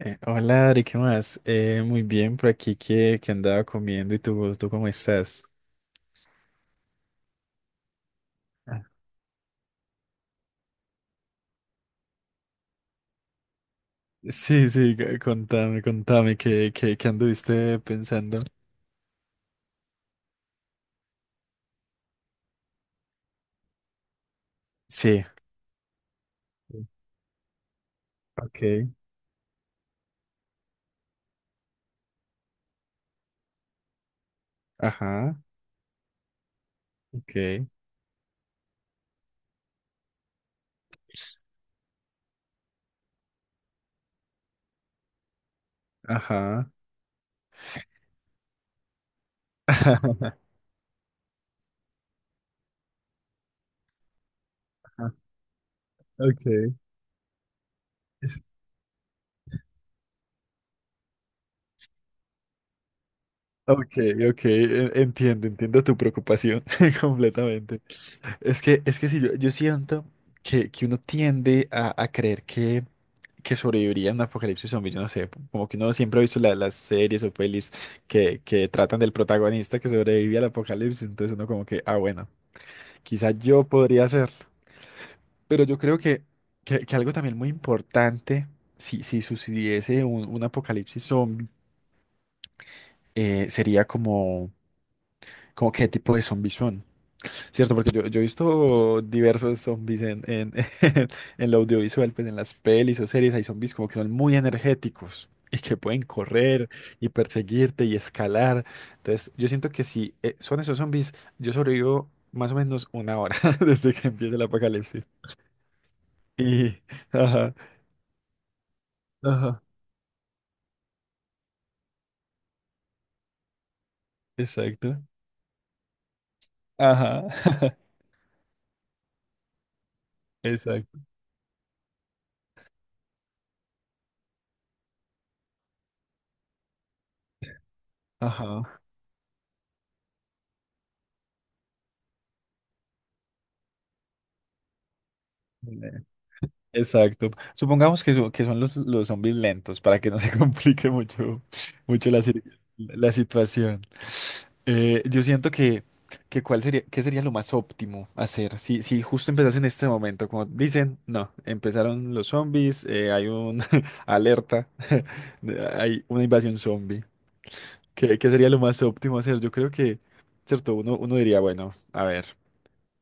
Hola Ari, ¿qué más? Muy bien, por aquí que andaba comiendo y tú, ¿tú cómo estás? Ah. Sí, sí, contame, ¿qué anduviste pensando? Sí. Sí. Ok, ajá, ok, ajá. Okay. es- ok, ok, entiendo tu preocupación completamente. Es que sí, yo siento que uno tiende a creer que sobrevivirían a un apocalipsis zombie, yo no sé, como que uno siempre ha visto las series o pelis que tratan del protagonista que sobrevive al apocalipsis, entonces uno como que, ah, bueno, quizás yo podría hacerlo, pero yo creo que algo también muy importante, si, si sucediese un apocalipsis zombie, sería como, como qué tipo de zombies son. Cierto, porque yo he visto diversos zombies en, en lo audiovisual, pues en las pelis o series hay zombies como que son muy energéticos y que pueden correr y perseguirte y escalar. Entonces, yo siento que si son esos zombies, yo sobrevivo más o menos una hora desde que empieza el apocalipsis. Y, ajá, ajá, exacto, ajá, exacto, ajá. Exacto. Supongamos que, que son los zombies lentos para que no se complique mucho, mucho la, la situación. Yo siento que cuál sería, qué sería lo más óptimo hacer. Si, si justo empezas en este momento, como dicen, no, empezaron los zombies, hay una alerta, hay una invasión zombie. ¿Qué, qué sería lo más óptimo hacer? Yo creo que, cierto, uno, uno diría, bueno, a ver.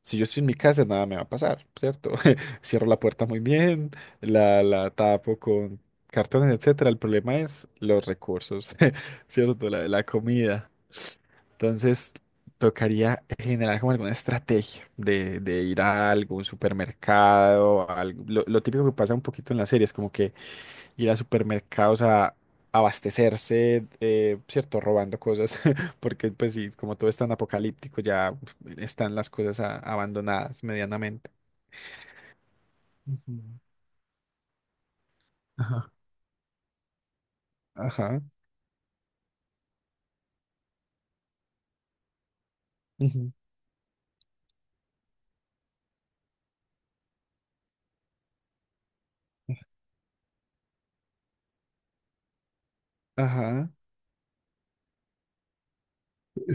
Si yo estoy en mi casa, nada me va a pasar, ¿cierto? Cierro la puerta muy bien, la tapo con cartones, etcétera. El problema es los recursos, ¿cierto? La comida. Entonces, tocaría generar como alguna estrategia de ir a algún supermercado, lo típico que pasa un poquito en las series, como que ir a supermercados a abastecerse, ¿cierto? Robando cosas, porque pues sí, como todo es tan apocalíptico, ya están las cosas abandonadas medianamente. Ujú. Ajá. Ajá. Ujú, ajá.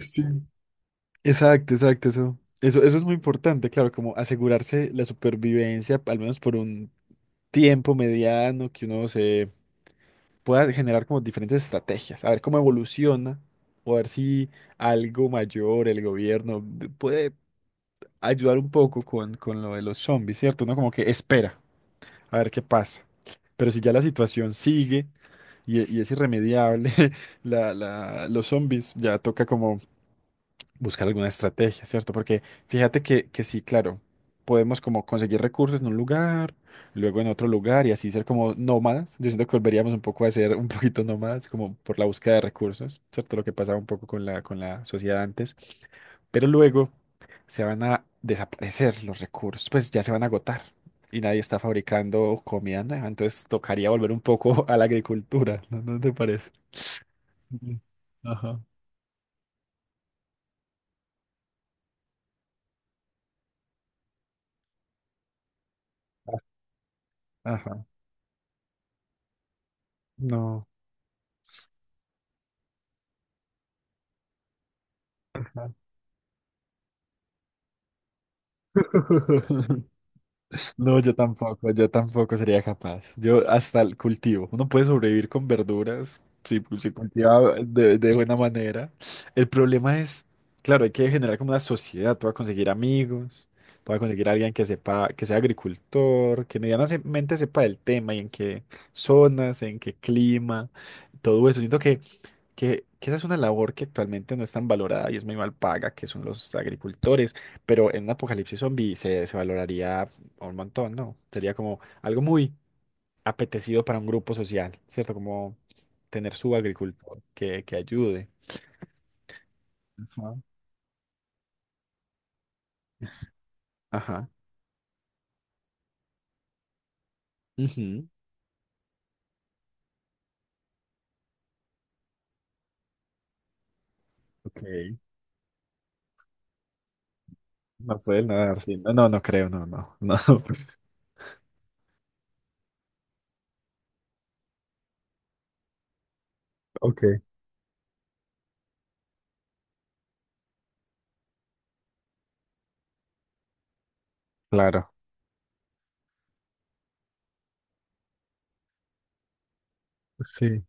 Sí. Exacto, exacto, eso. Eso es muy importante, claro, como asegurarse la supervivencia, al menos por un tiempo mediano, que uno se pueda generar como diferentes estrategias, a ver cómo evoluciona o a ver si algo mayor, el gobierno, puede ayudar un poco con lo de los zombies, ¿cierto? Uno como que espera a ver qué pasa. Pero si ya la situación sigue y es irremediable, la, los zombies ya toca como buscar alguna estrategia, ¿cierto? Porque fíjate que sí, claro, podemos como conseguir recursos en un lugar, luego en otro lugar y así ser como nómadas. Yo siento que volveríamos un poco a ser un poquito nómadas, como por la búsqueda de recursos, ¿cierto? Lo que pasaba un poco con la sociedad antes. Pero luego se van a desaparecer los recursos, pues ya se van a agotar y nadie está fabricando comida nueva, entonces tocaría volver un poco a la agricultura, ¿no, no te parece? Ujú. Ajá. Ajá, no. No, yo tampoco sería capaz. Yo hasta el cultivo. Uno puede sobrevivir con verduras si pues, se cultiva de buena manera. El problema es, claro, hay que generar como una sociedad. Tú vas a conseguir amigos, tú vas a conseguir alguien que sepa, que sea agricultor, que medianamente sepa del tema y en qué zonas, en qué clima, todo eso. Siento que que esa es una labor que actualmente no es tan valorada y es muy mal paga, que son los agricultores, pero en un apocalipsis zombie se, se valoraría un montón, ¿no? Sería como algo muy apetecido para un grupo social, ¿cierto? Como tener su agricultor que ayude. Ajá. Ajá. Ujú. Ok. No puedes nadar, sí. No, no, no creo, no, no, no. Ok. Claro. Sí.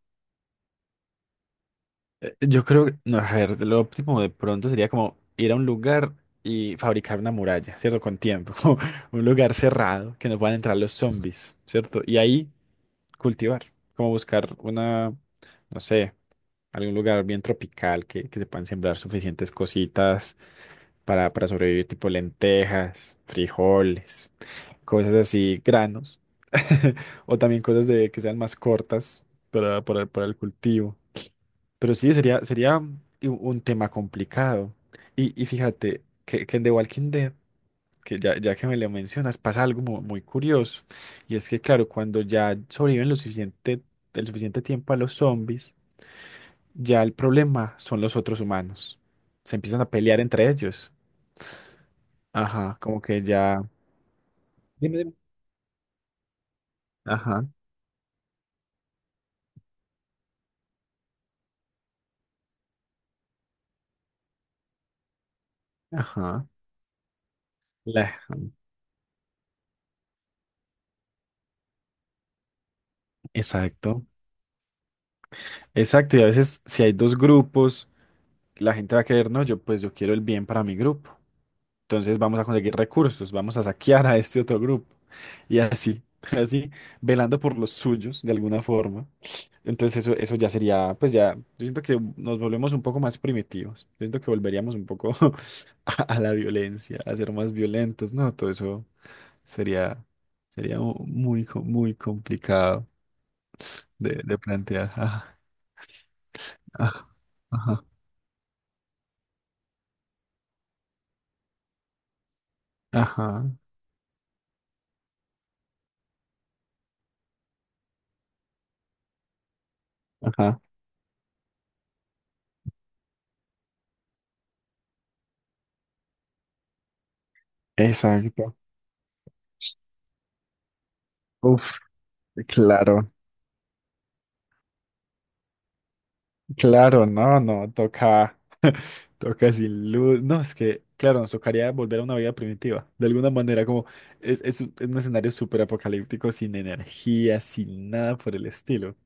Yo creo que, no, a ver, lo óptimo de pronto sería como ir a un lugar y fabricar una muralla, ¿cierto? Con tiempo, como un lugar cerrado que no puedan entrar los zombies, ¿cierto? Y ahí cultivar, como buscar una, no sé, algún lugar bien tropical que se puedan sembrar suficientes cositas para sobrevivir, tipo lentejas, frijoles, cosas así, granos, o también cosas de, que sean más cortas para el cultivo. Pero sí, sería, sería un tema complicado. Y fíjate que en The Walking Dead, que ya, ya que me lo mencionas, pasa algo muy curioso. Y es que, claro, cuando ya sobreviven lo suficiente, el suficiente tiempo a los zombies, ya el problema son los otros humanos. Se empiezan a pelear entre ellos. Ajá, como que ya. Dime, dime. Ajá, ajá. La- Exacto, exacto. Y a veces si hay dos grupos, la gente va a querer, no, yo pues yo quiero el bien para mi grupo. Entonces vamos a conseguir recursos, vamos a saquear a este otro grupo. Y así, así, velando por los suyos de alguna forma. Entonces eso ya sería, pues ya, yo siento que nos volvemos un poco más primitivos. Yo siento que volveríamos un poco a la violencia, a ser más violentos, ¿no? Todo eso sería, sería muy, muy complicado de plantear. Ah, ah, ajá, ajá, ajá. Exacto. Uf, claro. Claro, no, no, toca, toca sin luz. No, es que, claro, nos tocaría volver a una vida primitiva. De alguna manera, como es un escenario súper apocalíptico, sin energía, sin nada por el estilo.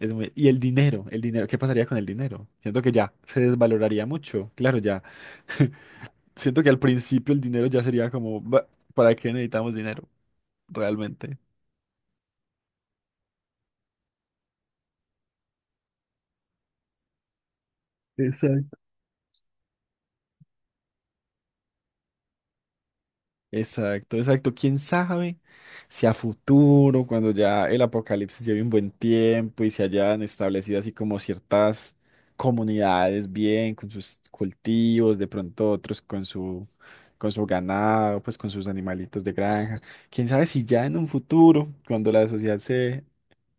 Es muy... Y el dinero, ¿qué pasaría con el dinero? Siento que ya se desvaloraría mucho. Claro, ya. Siento que al principio el dinero ya sería como, "Bah, ¿para qué necesitamos dinero? Realmente. Exacto. Exacto, exacto. ¿Quién sabe si a futuro, cuando ya el apocalipsis lleve un buen tiempo y se hayan establecido así como ciertas comunidades bien con sus cultivos, de pronto otros con su ganado, pues con sus animalitos de granja. ¿Quién sabe si ya en un futuro, cuando la sociedad se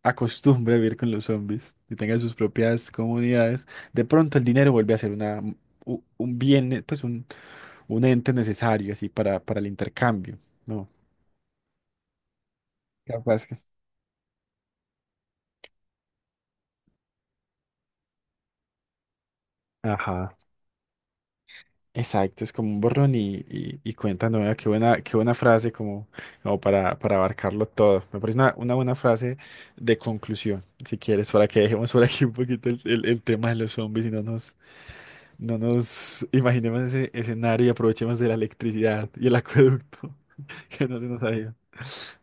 acostumbre a vivir con los zombies y tenga sus propias comunidades, de pronto el dinero vuelve a ser una un bien, pues un ente necesario así para el intercambio, ¿no? Capaz que... Ajá, exacto, es como un borrón y cuenta nueva, qué buena frase como, como para abarcarlo todo. Me parece una buena frase de conclusión, si quieres, para que dejemos por aquí un poquito el, el tema de los zombies y no nos, no nos imaginemos ese escenario y aprovechemos de la electricidad y el acueducto que no se nos ha ido.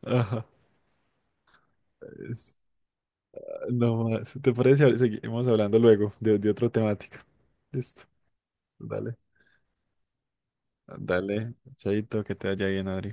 Ajá. No más. ¿Te parece? Seguimos hablando luego de otra temática. Listo. Dale. Dale. Chaito, que te vaya bien, Adri.